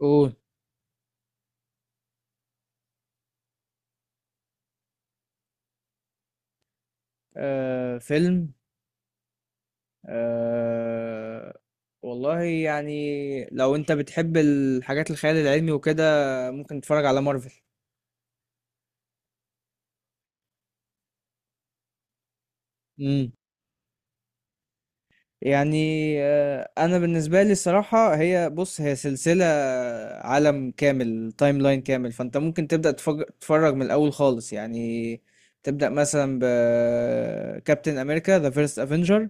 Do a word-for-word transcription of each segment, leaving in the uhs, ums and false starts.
قول. آه فيلم. آه والله يعني، لو انت بتحب الحاجات الخيال العلمي وكده ممكن تتفرج على مارفل. امم يعني، آه انا بالنسبه لي الصراحه هي بص هي سلسله، عالم كامل تايم لاين كامل، فانت ممكن تبدا تفج- تتفرج من الاول خالص يعني. تبدا مثلا بكابتن امريكا ذا فيرست افنجر،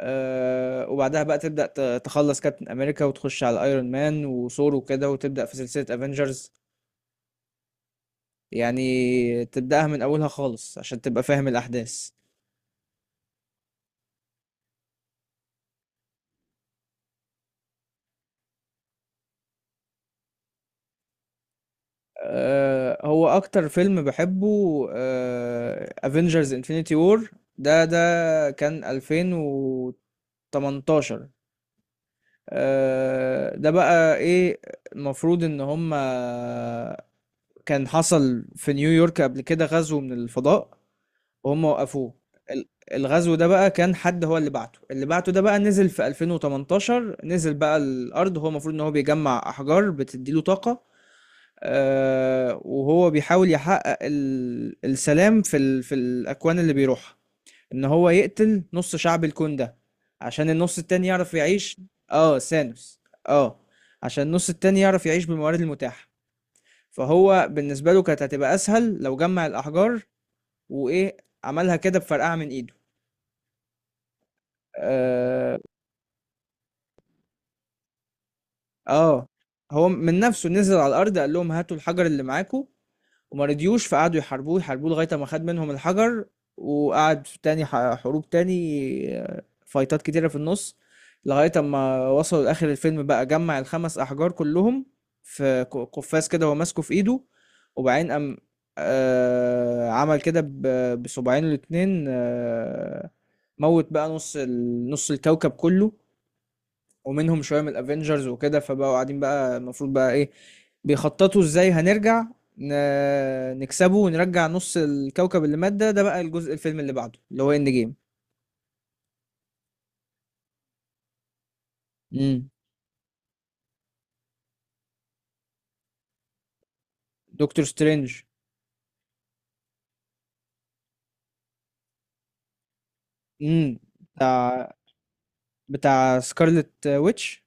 آه، وبعدها بقى تبدأ ت- تخلص كابتن أمريكا وتخش على ايرون مان وثور وكده وتبدأ في سلسلة افنجرز، يعني تبدأها من أولها خالص عشان تبقى فاهم الأحداث. آه، هو أكتر فيلم بحبه افنجرز انفينيتي وور. ده ده كان ألفين وتمنتاشر. آه، ده بقى ايه؟ المفروض ان هما كان حصل في نيويورك قبل كده غزو من الفضاء وهم وقفوه. ال- الغزو ده بقى كان حد هو اللي بعته، اللي بعته ده بقى نزل في ألفين وتمنتاشر، نزل بقى الأرض. هو المفروض إن هو بيجمع أحجار بتديله طاقة. آه، وهو بيحاول يحقق ال- السلام في ال في الأكوان اللي بيروحها، إن هو يقتل نص شعب الكون ده عشان النص التاني يعرف يعيش. اه ثانوس. اه عشان النص التاني يعرف يعيش بالموارد المتاحة، فهو بالنسبة له كانت هتبقى أسهل لو جمع الأحجار وإيه، عملها كده بفرقعة من إيده. اه. آه. هو من نفسه نزل على الارض قال لهم هاتوا الحجر اللي معاكم، وما رضيوش، فقعدوا يحاربوه يحاربوه لغايه ما خد منهم الحجر، وقعد في تاني ح- حروب تاني، آه، فايتات كتيره في النص، لغايه ما وصلوا لاخر الفيلم بقى جمع الخمس احجار كلهم في ق- قفاز كده هو ماسكه في ايده، وبعدين قام آه عمل كده ب- بصباعين الاتنين. آه، موت بقى نص ال- نص الكوكب كله ومنهم شويه من الافينجرز وكده، فبقوا قاعدين بقى المفروض بقى ايه، بيخططوا ازاي هنرجع ن- نكسبه ونرجع نص الكوكب اللي مات ده. ده بقى الجزء الفيلم اللي بعده اللي هو اند جيم. امم، دكتور سترينج. امم، بتاع بتاع سكارلت ويتش.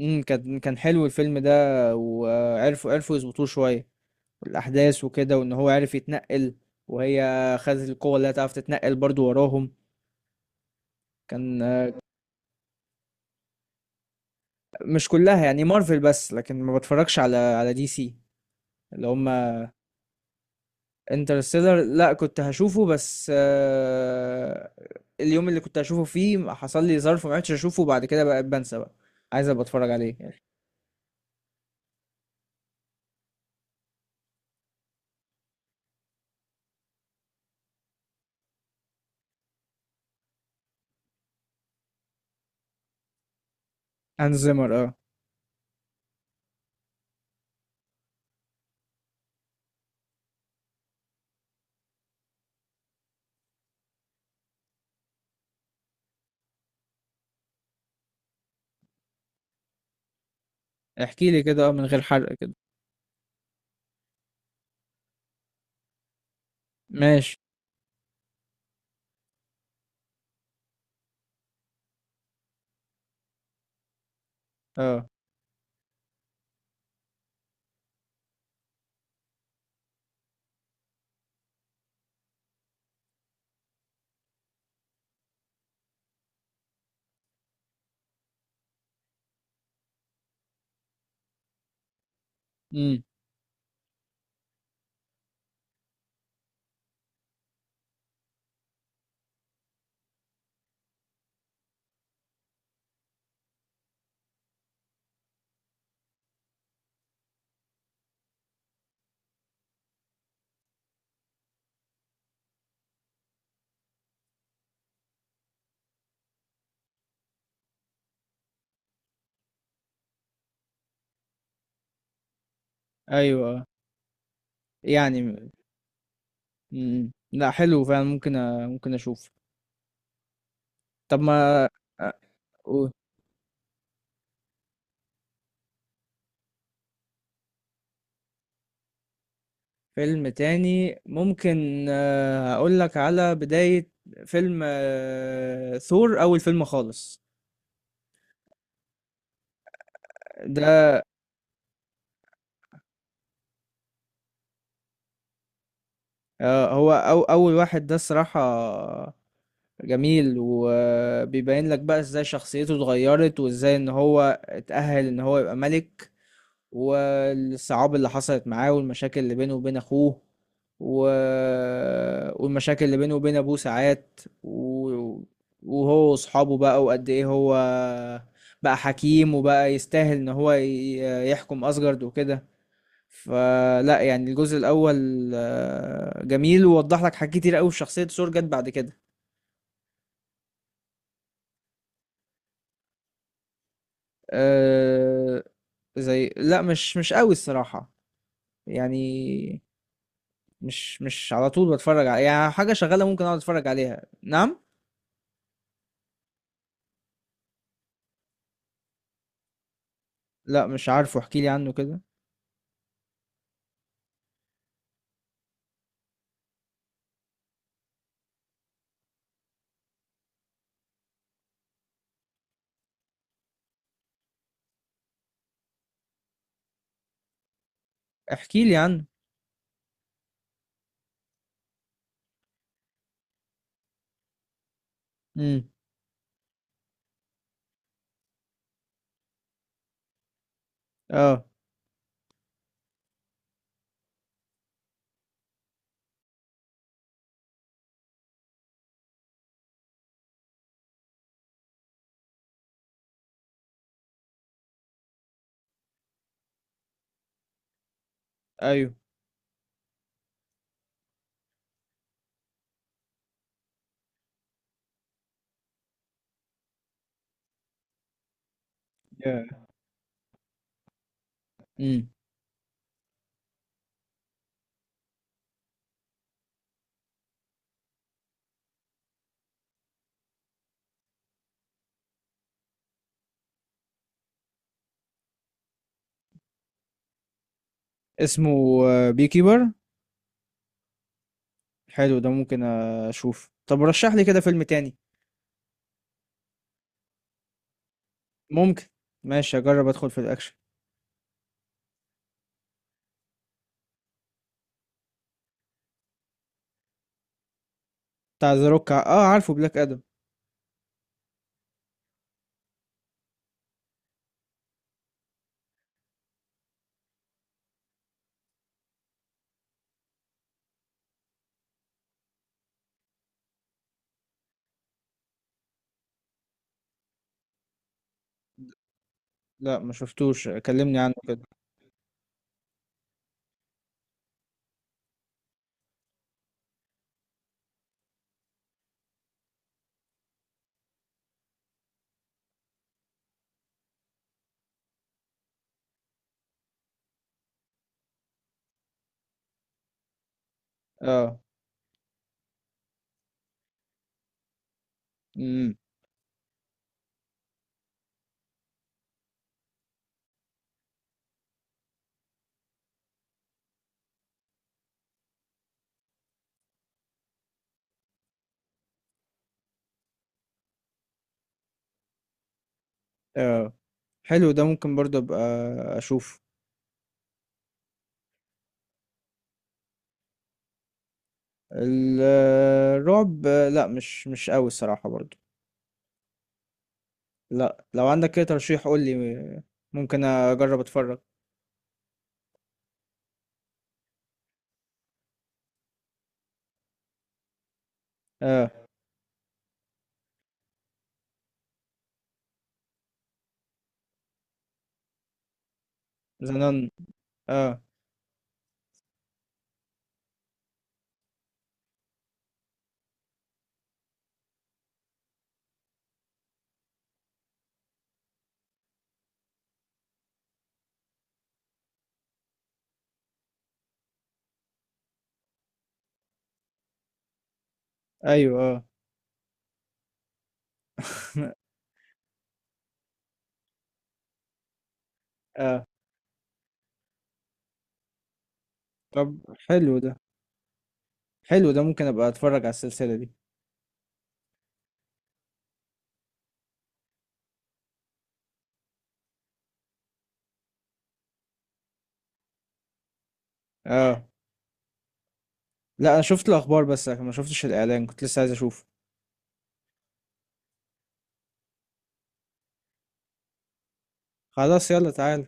امم، كان كان حلو الفيلم ده، وعرفوا عرفوا يظبطوه شويه الاحداث وكده، وان هو عرف يتنقل، وهي خدت القوه اللي هتعرف تتنقل برضو وراهم. كان مش كلها، يعني مارفل بس، لكن ما بتفرجش على على دي سي. اللي هم انترستيلر لا كنت هشوفه، بس آه، اليوم اللي كنت هشوفه فيه حصل لي ظرف ما عرفتش اشوفه، بعد كده بقى بنسى بقى. عايز ابقى اتفرج عليه. هانز زيمر، اه. احكي لي كده، اه، من غير حرق كده. ماشي. اه. امم. ايوه. آه. يعني، امم لا حلو فعلا، ممكن أ... ممكن اشوف. طب ما، آه، فيلم تاني ممكن، آه، اقول لك على بداية فيلم، آه، ثور، اول فيلم خالص ده. آه، هو أو اول واحد ده الصراحة جميل، وبيبين لك بقى ازاي شخصيته اتغيرت وازاي ان هو اتأهل ان هو يبقى ملك، والصعاب اللي حصلت معاه، والمشاكل اللي بينه وبين اخوه و... والمشاكل اللي بينه وبين ابوه ساعات و... وهو واصحابه بقى، وقد ايه هو بقى حكيم وبقى يستاهل ان هو ي- يحكم اسجارد وكده. فلا يعني الجزء الاول، آه، جميل ووضح لك حاجات كتير قوي في شخصية سور جت بعد كده. آه، زي لا مش مش قوي الصراحة، يعني مش مش على طول بتفرج على، يعني حاجة شغالة ممكن اقعد اتفرج عليها. نعم. لا مش عارفه، احكي لي عنه كده. احكي لي عنه. امم. اه. ايوه. امم. اسمه بي كيبر؟ حلو ده، ممكن اشوف. طب رشح لي كده فيلم تاني ممكن. ماشي اجرب ادخل في الاكشن. بتاع ذا روك، اه عارفه بلاك ادم. لا ما شفتوش، كلمني عنه كده. اه. امم. اه، حلو ده، ممكن برضه ابقى اشوف. ال- الرعب، آه، لا مش مش قوي الصراحة برضه. لا لو عندك كده ترشيح قول لي، ممكن اجرب اتفرج. اه. زنان، اه. ايوه. اه. اه. طب، حلو ده، حلو ده، ممكن ابقى اتفرج على السلسلة دي. اه. لا انا شفت الاخبار بس، لكن ما شفتش الاعلان، كنت لسه عايز اشوفه. خلاص يلا تعال.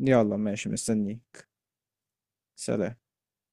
يلا ماشي، مستنيك. سلام.